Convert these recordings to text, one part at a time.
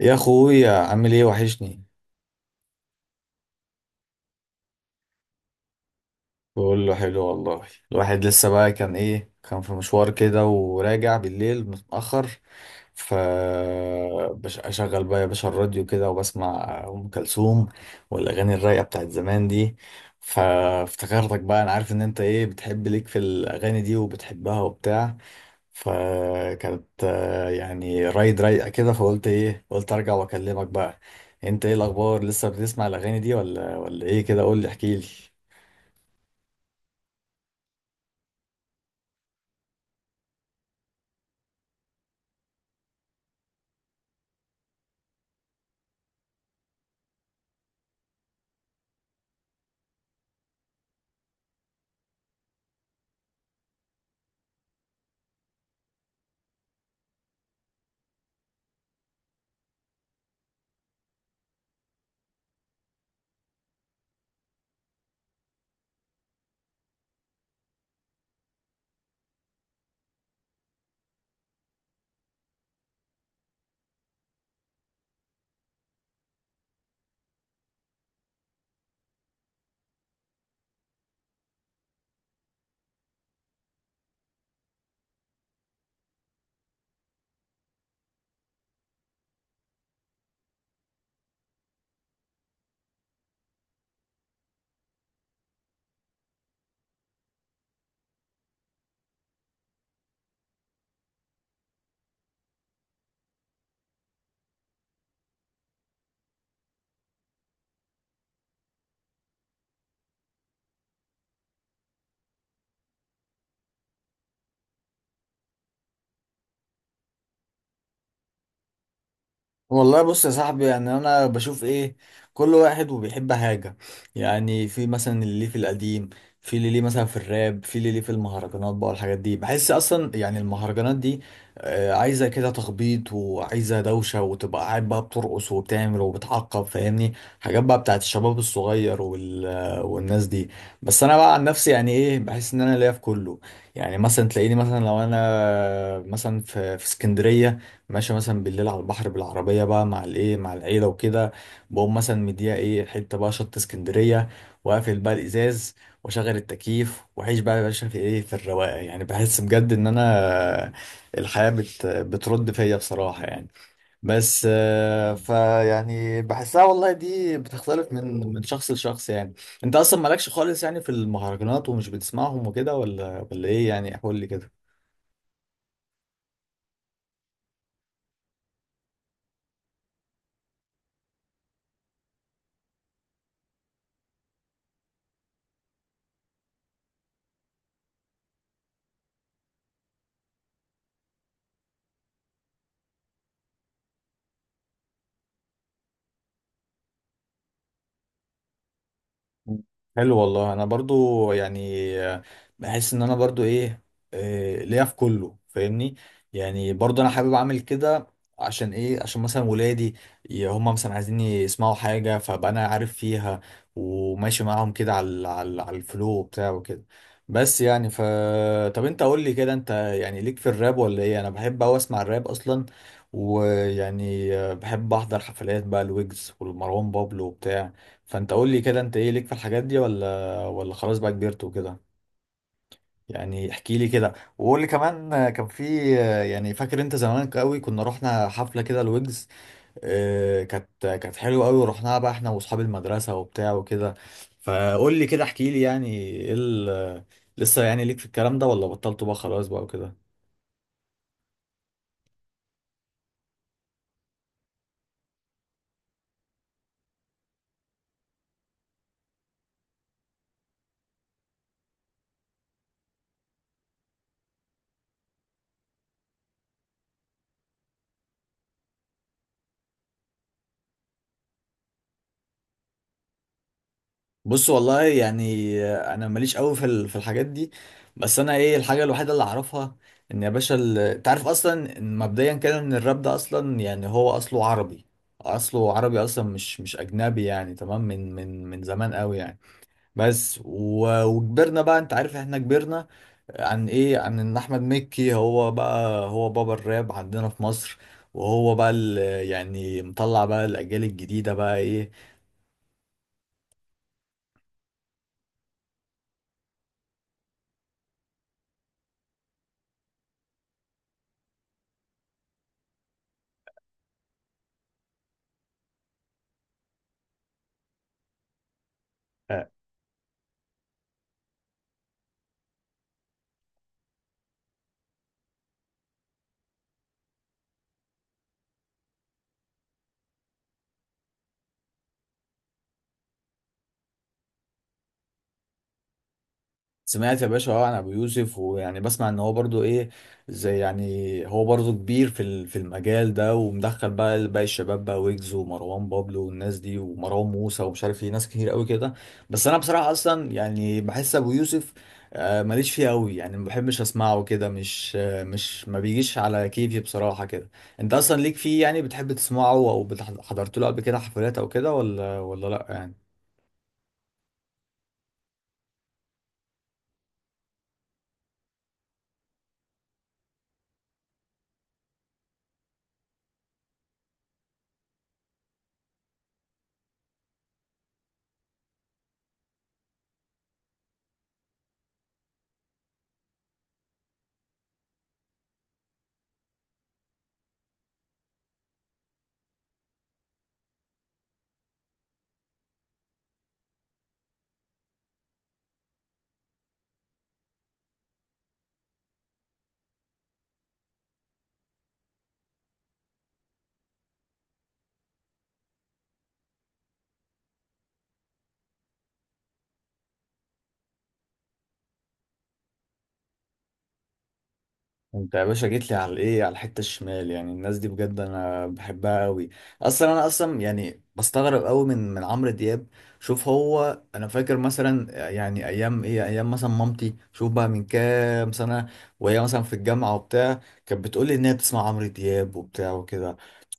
يا اخويا، عامل ايه؟ وحشني. بقول له حلو والله. الواحد لسه بقى كان ايه، كان في مشوار كده وراجع بالليل متأخر. ف اشغل بقى يا باشا الراديو كده وبسمع ام كلثوم والاغاني الرايقه بتاعت زمان دي. فافتكرتك بقى، انا عارف ان انت ايه، بتحب ليك في الاغاني دي وبتحبها وبتاع. فكانت يعني رايد رايقه كده، فقلت ايه، قلت ارجع واكلمك بقى. انت ايه الاخبار؟ لسه بتسمع الاغاني دي ولا ايه؟ كده قول لي، احكي لي. والله بص يا صاحبي، يعني انا بشوف ايه، كل واحد وبيحب حاجة. يعني في مثلا اللي ليه في القديم، في اللي ليه مثلا في الراب، في اللي ليه في المهرجانات بقى والحاجات دي. بحس اصلا يعني المهرجانات دي عايزة كده تخبيط وعايزة دوشة وتبقى قاعد بقى بترقص وبتعمل وبتعقب، فاهمني؟ حاجات بقى بتاعت الشباب الصغير وال... والناس دي. بس انا بقى عن نفسي يعني ايه، بحس ان انا ليا في كله. يعني مثلا تلاقيني مثلا لو انا مثلا في اسكندرية ماشي مثلا بالليل على البحر بالعربية بقى مع الايه، مع العيلة وكده، بقوم مثلا مديها ايه حتة بقى شط اسكندرية، واقفل بقى الإزاز واشغل التكييف واعيش بقى يا باشا في ايه، في الرواقة. يعني بحس بجد ان انا الحياة بترد فيا بصراحة يعني. بس فيعني بحسها والله دي بتختلف من شخص لشخص يعني. انت اصلا مالكش خالص يعني في المهرجانات ومش بتسمعهم وكده ولا ايه يعني؟ قول لي كده. حلو والله. انا برضو يعني بحس ان انا برضو ايه، ليا في كله فاهمني. يعني برضو انا حابب اعمل كده، عشان ايه، عشان مثلا ولادي هم مثلا عايزين يسمعوا حاجة، فبقى انا عارف فيها وماشي معاهم كده على على الفلو بتاعه كده. بس يعني طب انت قول لي كده، انت يعني ليك في الراب ولا ايه؟ انا بحب اوي اسمع الراب اصلا، ويعني بحب احضر حفلات بقى الويجز والمروان بابلو وبتاع. فانت قول لي كده، انت ايه ليك في الحاجات دي، ولا خلاص بقى كبرت وكده؟ يعني احكي لي كده، وقول لي كمان كان في. يعني فاكر انت زمان قوي كنا رحنا حفله كده الويجز؟ اه كانت حلوه قوي، ورحناها بقى احنا واصحاب المدرسه وبتاع وكده. فقول لي كده، احكي لي يعني ايه لسه يعني ليك في الكلام ده، ولا بطلته بقى خلاص بقى وكده؟ بص والله يعني انا ماليش قوي في الحاجات دي. بس انا ايه الحاجه الوحيده اللي اعرفها، ان يا باشا انت عارف اصلا إن مبدئيا كده ان الراب ده اصلا يعني هو اصله عربي، اصله عربي اصلا مش اجنبي يعني، تمام من من زمان قوي يعني. بس وكبرنا بقى انت عارف احنا كبرنا، عن ايه، عن ان احمد مكي هو بقى هو بابا الراب عندنا في مصر. وهو بقى يعني مطلع بقى الاجيال الجديده بقى ايه. سمعت يا باشا اه عن ابو يوسف، ويعني بسمع ان هو برضو ايه، زي يعني هو برضو كبير في المجال ده، ومدخل بقى باقي الشباب بقى ويجز ومروان بابلو والناس دي ومروان موسى ومش عارف ايه، ناس كتير قوي كده. بس انا بصراحة اصلا يعني بحس ابو يوسف ماليش فيه قوي يعني، ما بحبش اسمعه كده مش ما بيجيش على كيفي بصراحة كده. انت اصلا ليك فيه يعني، بتحب تسمعه او حضرت له قبل كده حفلات او كده، ولا لا يعني؟ انت يا باشا جيت لي على الايه، على الحته الشمال يعني. الناس دي بجد انا بحبها قوي. اصلا انا اصلا يعني بستغرب قوي من عمرو دياب. شوف هو انا فاكر مثلا يعني ايام ايه، ايام مثلا مامتي، شوف بقى من كام سنه، وهي مثلا في الجامعه وبتاع كانت بتقول لي ان هي بتسمع عمرو دياب وبتاع وكده.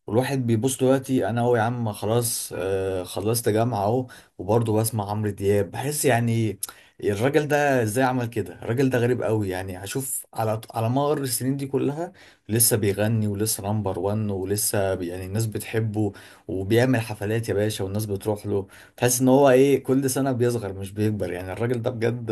والواحد بيبص دلوقتي انا اهو يا عم خلاص، آه خلصت جامعه اهو، وبرضه بسمع عمرو دياب. بحس يعني الراجل ده ازاي عمل كده؟ الراجل ده غريب قوي يعني، هشوف على مر السنين دي كلها لسه بيغني ولسه نمبر وان ولسه يعني الناس بتحبه وبيعمل حفلات يا باشا والناس بتروح له. تحس ان هو ايه، كل سنه بيصغر مش بيكبر يعني، الراجل ده بجد.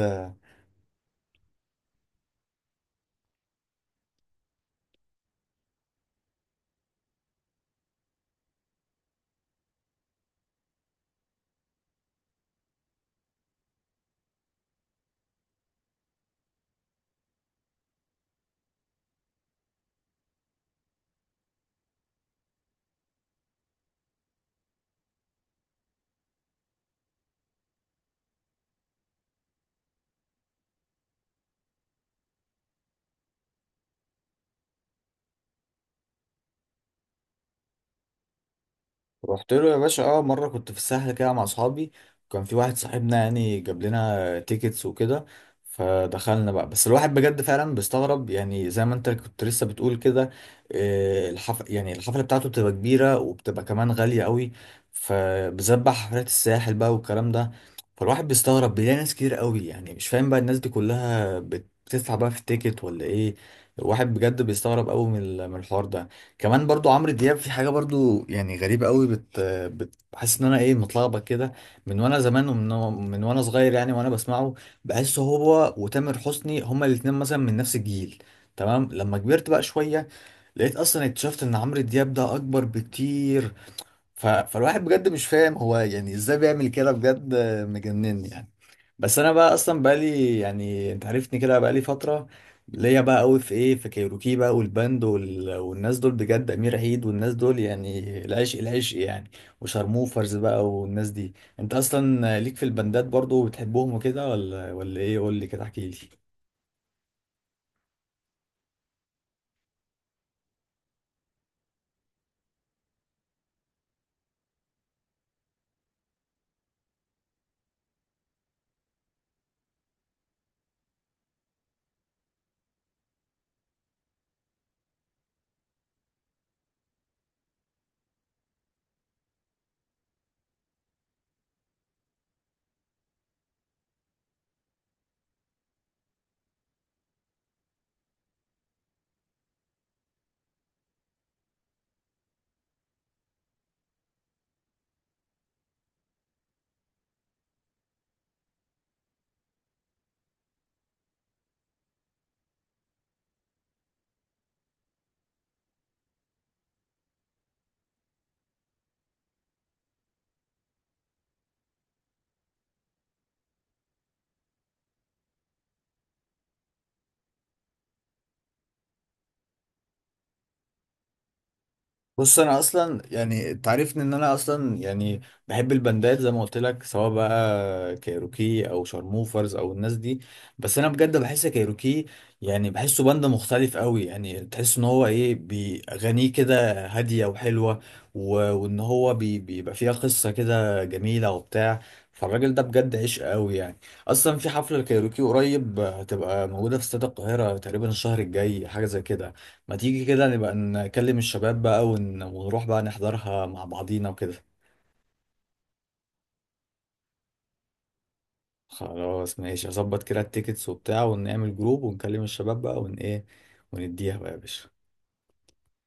رحت له يا باشا، اه مره كنت في الساحل كده مع اصحابي، وكان في واحد صاحبنا يعني جاب لنا تيكتس وكده فدخلنا بقى. بس الواحد بجد فعلا بيستغرب، يعني زي ما انت كنت لسه بتقول كده، يعني الحفله بتاعته بتبقى كبيره وبتبقى كمان غاليه قوي. فبالذات بقى حفلات الساحل بقى والكلام ده، فالواحد بيستغرب بيلاقي ناس كتير قوي. يعني مش فاهم بقى الناس دي كلها بتدفع بقى في التيكت ولا ايه؟ الواحد بجد بيستغرب قوي من الحوار ده. كمان برضو عمرو دياب في حاجة برضو يعني غريبة قوي، بتحس ان انا ايه، متلخبط كده. من وانا زمان، ومن وانا صغير يعني وانا بسمعه. بحس هو وتامر حسني هما الاتنين مثلا من نفس الجيل، تمام. لما كبرت بقى شوية لقيت اصلا، اكتشفت ان عمرو دياب ده اكبر بكتير. فالواحد بجد مش فاهم هو يعني ازاي بيعمل كده، بجد مجنني يعني. بس انا بقى اصلا بقالي يعني، انت عرفتني كده، بقالي فتره ليا بقى قوي في ايه، في كايروكي بقى والباند والناس دول بجد، امير عيد والناس دول يعني العشق العشق يعني. وشارموفرز بقى والناس دي. انت اصلا ليك في الباندات برضو وبتحبهم وكده، ولا ايه؟ قول لي كده، احكي لي. بص انا اصلا يعني انت عارفني ان انا اصلا يعني بحب البندات زي ما قلت لك، سواء بقى كايروكي او شارموفرز او الناس دي. بس انا بجد بحس كايروكي يعني بحسه بند مختلف قوي، يعني تحس ان هو ايه، بيغنيه كده هاديه وحلوه، و... وان هو بيبقى فيها قصه كده جميله وبتاع. فالراجل ده بجد عشق قوي يعني. اصلا في حفله الكايروكي قريب هتبقى موجوده في استاد القاهره تقريبا الشهر الجاي حاجه زي كده، ما تيجي كده نبقى نكلم الشباب بقى ونروح بقى نحضرها مع بعضينا وكده. خلاص ماشي، هظبط كده التيكتس وبتاع ونعمل جروب ونكلم الشباب بقى ايه، ونديها بقى يا باشا.